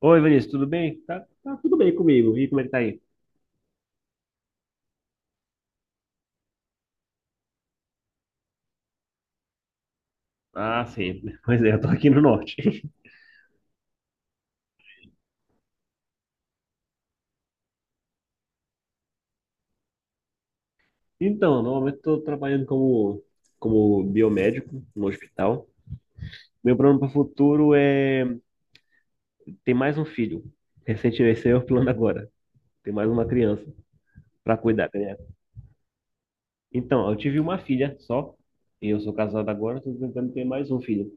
Oi, Vinícius, tudo bem? Tá, tudo bem comigo. E como é que tá aí? Ah, sim. Pois é, eu tô aqui no norte. Então, normalmente estou trabalhando como biomédico no hospital. Meu plano para o futuro é ter mais um filho. Recentemente, esse é o plano agora. Ter mais uma criança para cuidar, né? Então, eu tive uma filha só. E eu sou casado agora, estou tentando ter mais um filho.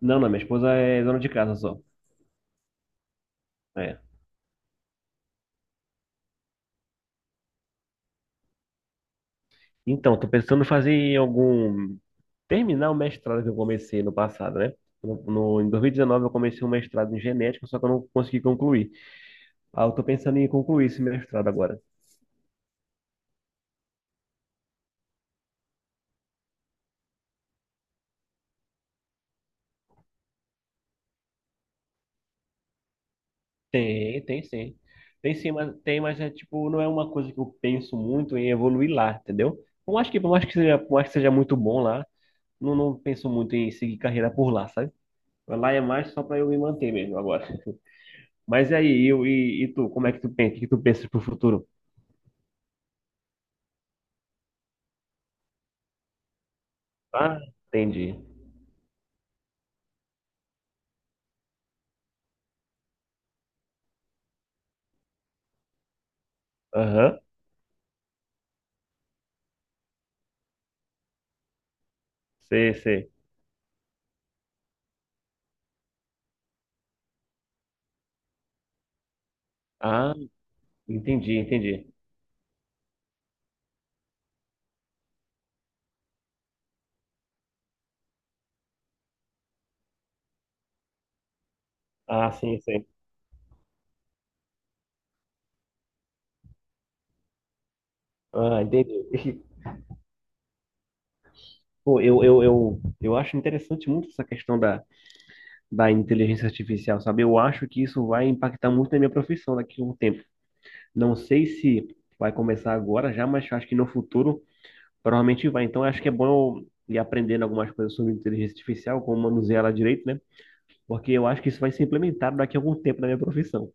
Não, não, minha esposa é dona de casa só. É. Então, estou pensando em fazer algum terminar o mestrado que eu comecei no passado, né? Em 2019 eu comecei um mestrado em genética, só que eu não consegui concluir. Ah, eu tô pensando em concluir esse mestrado agora. Tem, tem sim. Tem sim, mas tem, mas é tipo, não é uma coisa que eu penso muito em evoluir lá, entendeu? Eu acho que, por mais que seja muito bom lá, não, não penso muito em seguir carreira por lá, sabe? Lá é mais só pra eu me manter mesmo agora. Mas e aí, e tu, como é que tu pensa? O que tu pensas pro futuro? Ah, entendi. Aham, sei, sei. Ah, entendi, entendi. Ah, sim, sim. Ah, entendi. Pô, eu acho interessante muito essa questão da inteligência artificial, sabe? Eu acho que isso vai impactar muito na minha profissão daqui a um tempo. Não sei se vai começar agora já, mas acho que no futuro provavelmente vai. Então, acho que é bom eu ir aprendendo algumas coisas sobre inteligência artificial, como manusear ela direito, né? Porque eu acho que isso vai ser implementado daqui a algum tempo na minha profissão.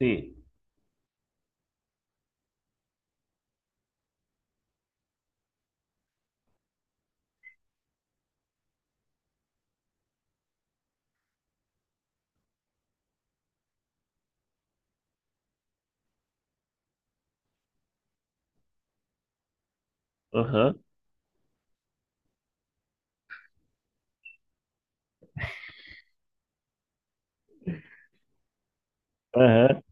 Sim. Aham, aham.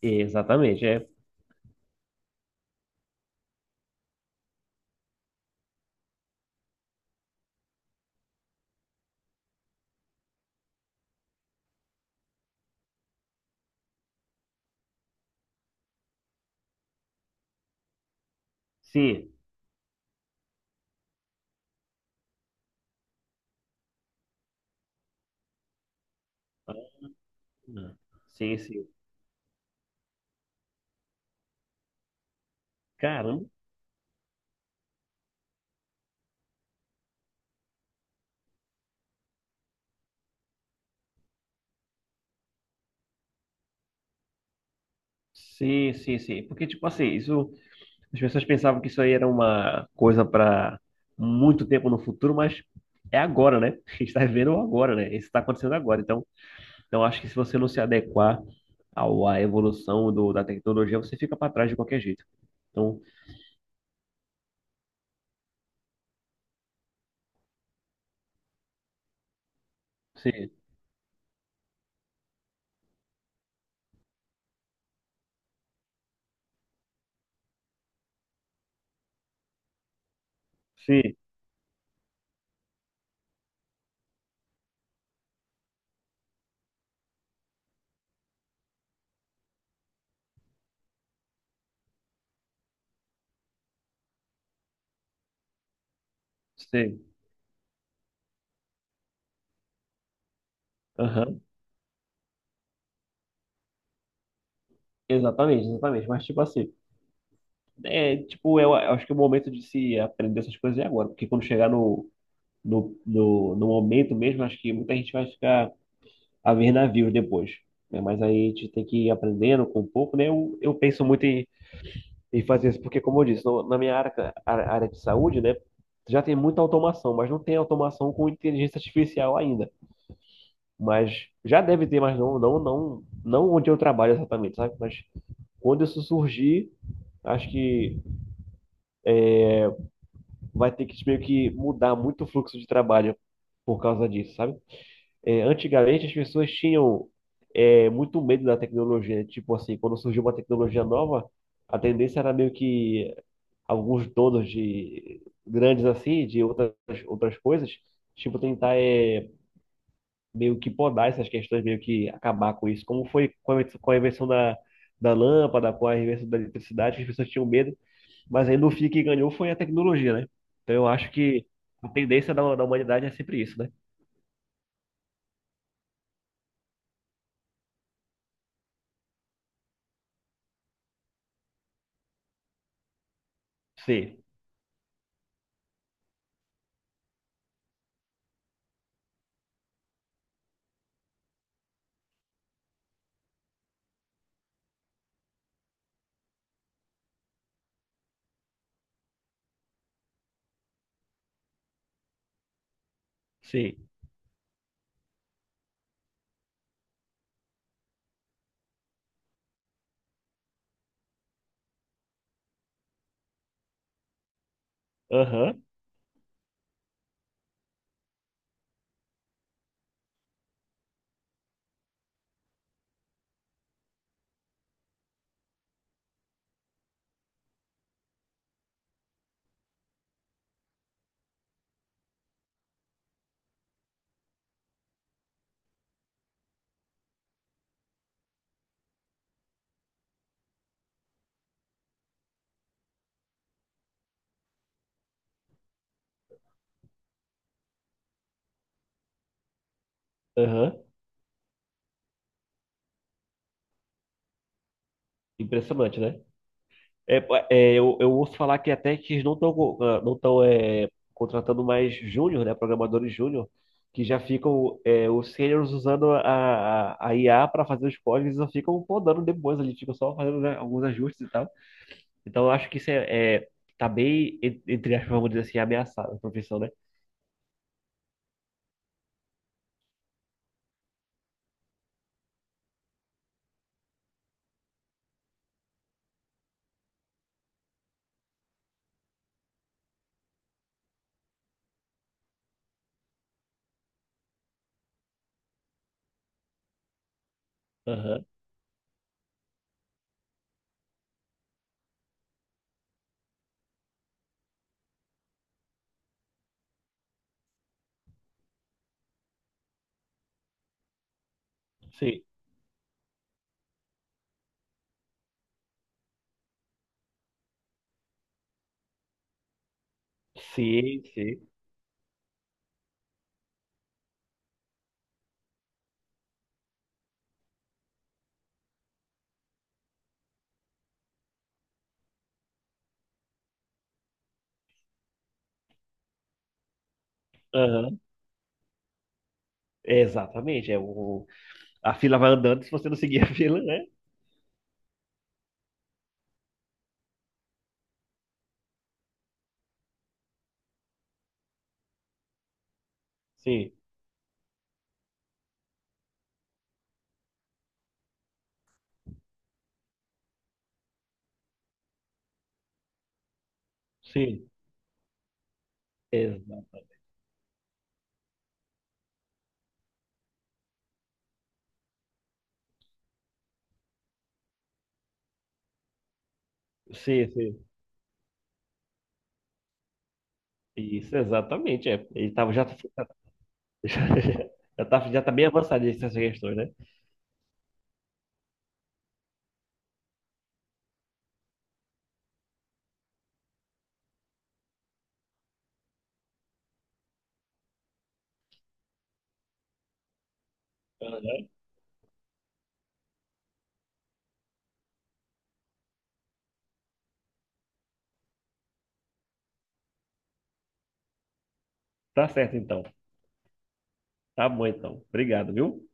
Exatamente, é. Sim. Sim, sim. Caramba. Sim, sim, sim. Porque, tipo assim, isso, as pessoas pensavam que isso aí era uma coisa para muito tempo no futuro, mas é agora, né? A gente está vivendo o agora, né? Isso está acontecendo agora. Então, então, acho que se você não se adequar à evolução da tecnologia, você fica para trás de qualquer jeito. Então, sim, sim, sim. Aham. Exatamente, exatamente. Mas, tipo assim, é, tipo, eu acho que é o momento de se aprender essas coisas é agora. Porque quando chegar no momento mesmo, acho que muita gente vai ficar haver navios depois, né? Mas aí a gente tem que ir aprendendo com um pouco, né? Eu penso muito em fazer isso, porque, como eu disse, na minha área, área de saúde, né? Já tem muita automação, mas não tem automação com inteligência artificial ainda. Mas já deve ter, mas não onde eu trabalho exatamente, sabe? Mas quando isso surgir, acho que vai ter que meio que mudar muito o fluxo de trabalho por causa disso, sabe? É, antigamente as pessoas tinham é, muito medo da tecnologia, né? Tipo assim, quando surgiu uma tecnologia nova, a tendência era meio que alguns donos de grandes assim, de outras, outras coisas, tipo tentar meio que podar essas questões, meio que acabar com isso. Como foi com a invenção da lâmpada, com a invenção da eletricidade, que as pessoas tinham medo, mas aí no fim que ganhou foi a tecnologia, né? Então eu acho que a tendência da humanidade é sempre isso, né? Sim, sim. Aham, aham. Impressionante, né? É, é, eu ouço falar que até que eles não estão é, contratando mais júnior, né? Programadores júnior, que já ficam é, os seniors usando a IA para fazer os códigos e só ficam podando depois, eles ficam só fazendo, né, alguns ajustes e tal. Então eu acho que é tá bem, en- entre aspas, vamos dizer assim, ameaçada a profissão, né? Aham. Sim, sim, sim. Aham. É, exatamente. É, o, a fila vai andando se você não seguir a fila, né? Sim, sim. Exato. Sim, sim. Isso, exatamente. É. Ele tava, já, já, já tá bem avançado nessas questões, né? Aham. Tá certo, então. Tá bom, então. Obrigado, viu?